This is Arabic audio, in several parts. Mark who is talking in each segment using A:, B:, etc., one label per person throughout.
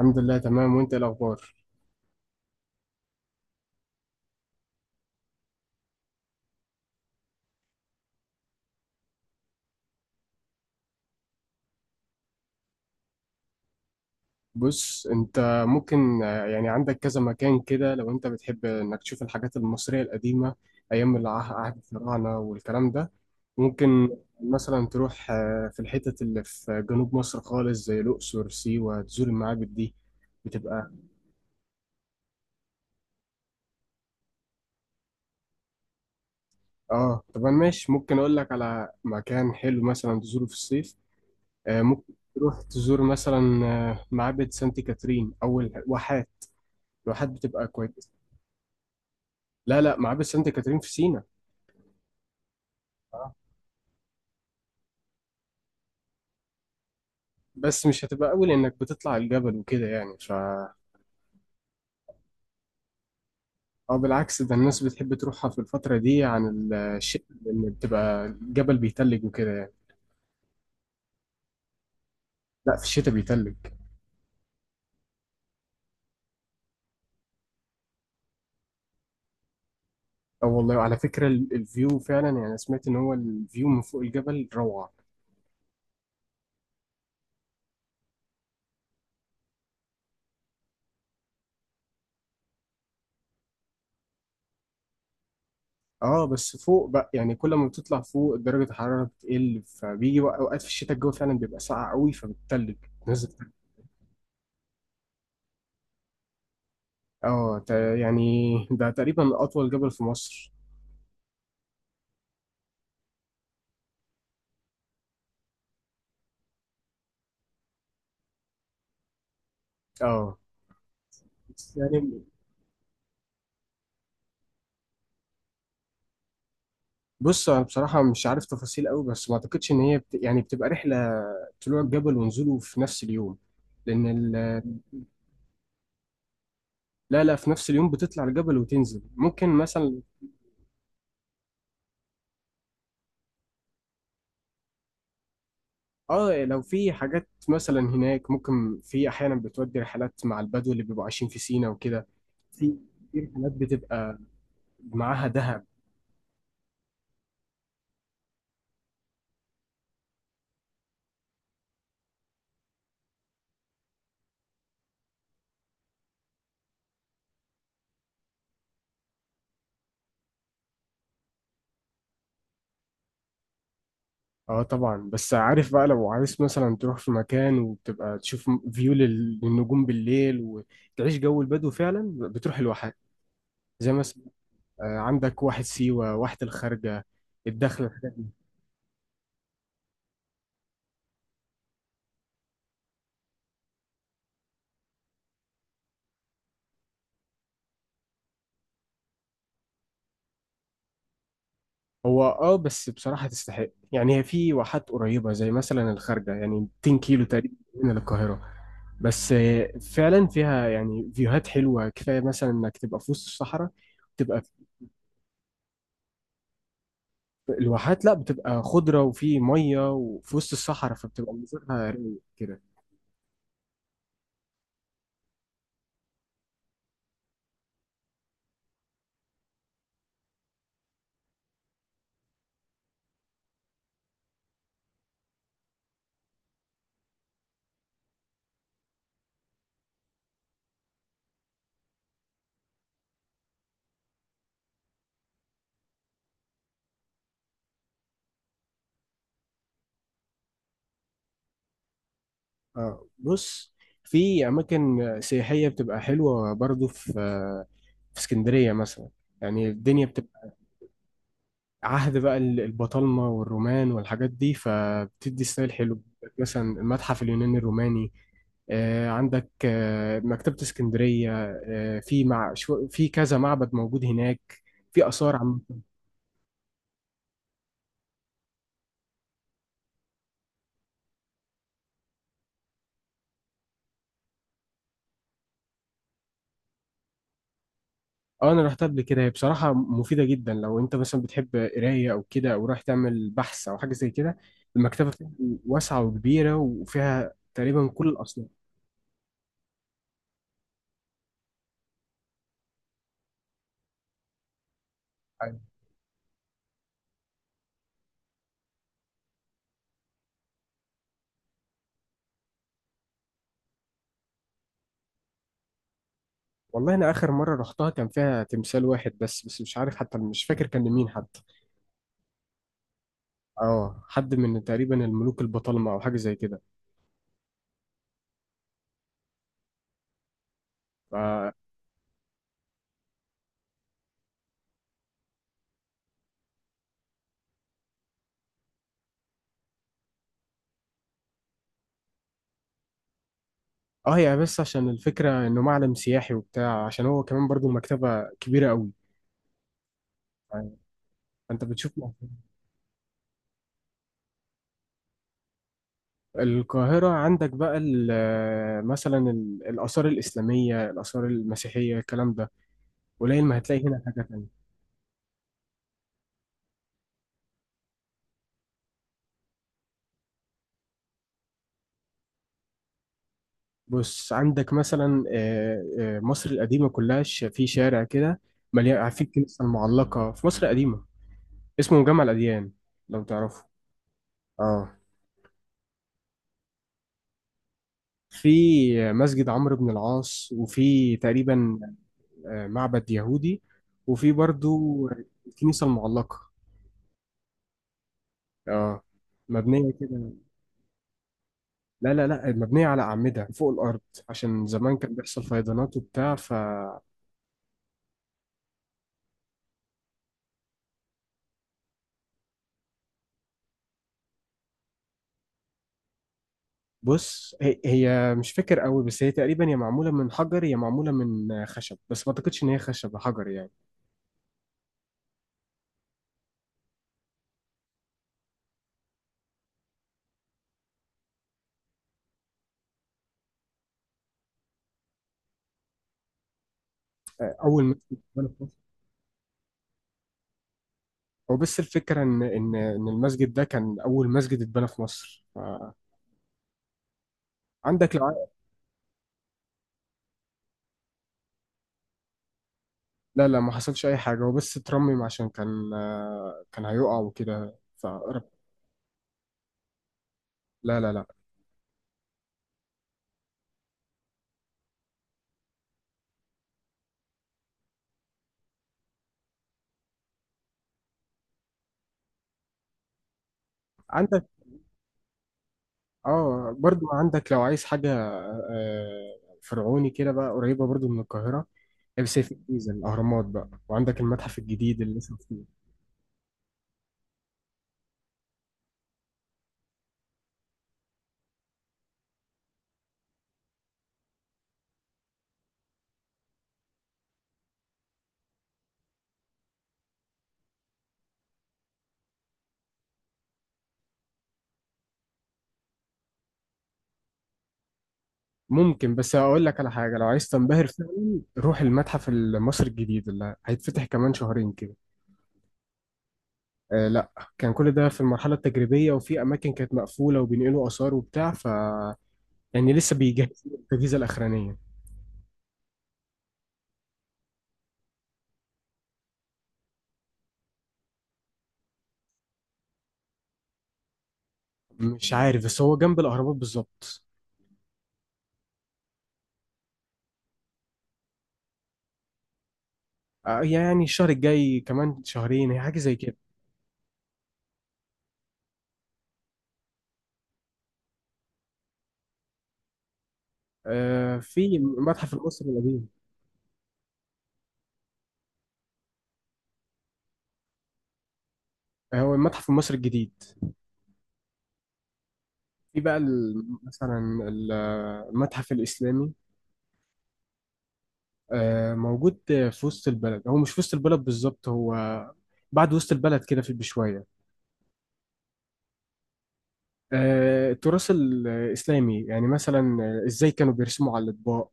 A: الحمد لله، تمام. وانت ايه الاخبار؟ بص انت، ممكن يعني عندك كذا مكان كده، لو انت بتحب انك تشوف الحاجات المصرية القديمة ايام عهد الفراعنة والكلام ده. ممكن مثلا تروح في الحتت اللي في جنوب مصر خالص، زي الاقصر، سيوة، تزور المعابد دي، بتبقى... اه، طب انا ماشي، ممكن اقول لك على مكان حلو مثلا تزوره في الصيف. ممكن تروح تزور مثلا معبد سانت كاترين او الواحات. الواحات بتبقى كويسة. لا، لا، معابد سانت كاترين في سينا. اه، بس مش هتبقى أول إنك بتطلع الجبل وكده، يعني أو بالعكس، ده الناس بتحب تروحها في الفترة دي عن الشتاء، لأن بتبقى الجبل بيتلج وكده يعني. لا، في الشتاء بيتلج. أو والله، على فكرة الفيو فعلا يعني، أنا سمعت إن هو الفيو من فوق الجبل روعة. اه بس فوق بقى، يعني كل ما بتطلع فوق درجة الحرارة بتقل، فبيجي أوقات في الشتاء الجو فعلا بيبقى ساقع قوي فبتتلج نازل. اه، يعني ده تقريبا أطول جبل في مصر. اه بس يعني بص، انا بصراحه مش عارف تفاصيل قوي، بس ما اعتقدش ان هي يعني بتبقى رحله طلوع الجبل ونزوله في نفس اليوم، لان ال... لا، لا، في نفس اليوم بتطلع الجبل وتنزل ممكن مثلا. اه لو في حاجات مثلا هناك، ممكن في احيانا بتودي رحلات مع البدو اللي بيبقوا عايشين في سينا وكده. في في رحلات بتبقى معاها دهب. اه طبعا، بس عارف بقى، لو عايز مثلا تروح في مكان وبتبقى تشوف فيو للنجوم بالليل وتعيش جو البدو، فعلا بتروح لوحدك، زي مثلا عندك واحد سيوة، واحد الخارجة الدخل. هو اه، بس بصراحة تستحق يعني، هي في واحات قريبة زي مثلا الخارجة، يعني 200 كيلو تقريبا من القاهرة. بس فعلا فيها يعني فيوهات حلوة كفاية، مثلا انك تبقى في وسط الصحراء، تبقى في الواحات. لا، بتبقى خضرة، وفي مية، وفي وسط الصحراء، فبتبقى منظرها رايق كده. آه بص، في أماكن سياحية بتبقى حلوة برضو في اسكندرية مثلا. يعني الدنيا بتبقى عهد بقى البطالمة والرومان والحاجات دي، فبتدي ستايل حلو. مثلا المتحف اليوناني الروماني، عندك مكتبة اسكندرية. في كذا معبد موجود هناك، في آثار عم... اه انا رحتها قبل كده، هي بصراحة مفيدة جدا لو انت مثلا بتحب قراية او كده، او رايح تعمل بحث او حاجة زي كده. المكتبة فيها واسعة وكبيرة، وفيها تقريبا كل الأصناف. أيوة. والله انا اخر مرة رحتها كان فيها تمثال واحد بس، مش عارف حتى، مش فاكر كان لمين حتى. اه، حد من تقريبا الملوك البطالمة او حاجه زي كده. ف... اه، هي بس عشان الفكره انه معلم سياحي وبتاع، عشان هو كمان برضو مكتبه كبيره قوي، يعني انت بتشوف. القاهره عندك بقى مثلا الاثار الاسلاميه، الاثار المسيحيه، الكلام ده. قليل ما هتلاقي هنا حاجه تانية. بص عندك مثلا مصر القديمه كلها، في شارع كده مليان، في الكنيسه المعلقه في مصر القديمه، اسمه جامع الاديان لو تعرفه. اه، في مسجد عمرو بن العاص، وفي تقريبا معبد يهودي، وفي برضو الكنيسة المعلقة. اه، مبنية كده. لا، لا، لا، مبنية على أعمدة فوق الأرض، عشان زمان كان بيحصل فيضانات وبتاع، فبص. هي مش فاكر قوي، بس هي تقريبا يا معمولة من حجر يا معمولة من خشب، بس ما أعتقدش إن هي خشب، حجر يعني. أول مسجد اتبنى في مصر. هو بس الفكرة إن المسجد ده كان أول مسجد اتبنى في مصر. فعندك لو... لا، لا، ما حصلش اي حاجه، هو بس اترمم عشان كان كان هيقع وكده، فقرب. لا، لا، لا. عندك، اه، برضو عندك لو عايز حاجه آه، فرعوني كده بقى، قريبه برضو من القاهره. هي، بس هي في الجيزه، الاهرامات بقى، وعندك المتحف الجديد اللي لسه فيه. ممكن، بس اقول لك على حاجه، لو عايز تنبهر فعلا روح المتحف المصري الجديد اللي هيتفتح كمان شهرين كده. آه لا، كان كل ده في المرحله التجريبيه، وفي اماكن كانت مقفوله وبينقلوا اثار وبتاع، ف يعني لسه بيجهزوا التجهيزه الاخرانيه. مش عارف، بس هو جنب الأهرامات بالظبط. يعني الشهر الجاي، كمان شهرين، هي حاجة زي كده. في المتحف المصري القديم. هو المتحف المصري الجديد. في بقى مثلا المتحف الإسلامي. موجود في وسط البلد، هو مش في وسط البلد بالظبط، هو بعد وسط البلد كده في بشوية. التراث الإسلامي، يعني مثلا إزاي كانوا بيرسموا على الأطباق.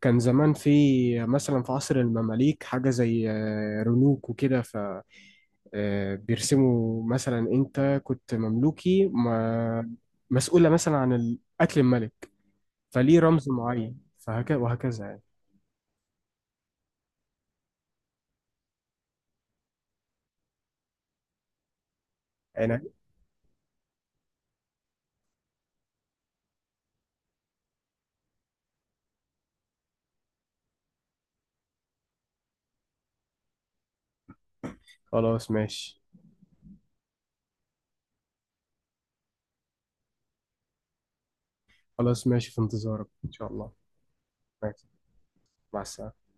A: كان زمان في، مثلا في عصر المماليك، حاجة زي رنوك وكده. بيرسموا مثلا انت كنت مملوكي ما مسؤولة مثلا عن قتل الملك، فليه رمز معين، فهكذا وهكذا يعني. انا، خلاص ماشي. خلاص ماشي، في انتظارك ان شاء الله. ماشي. مع السلامة.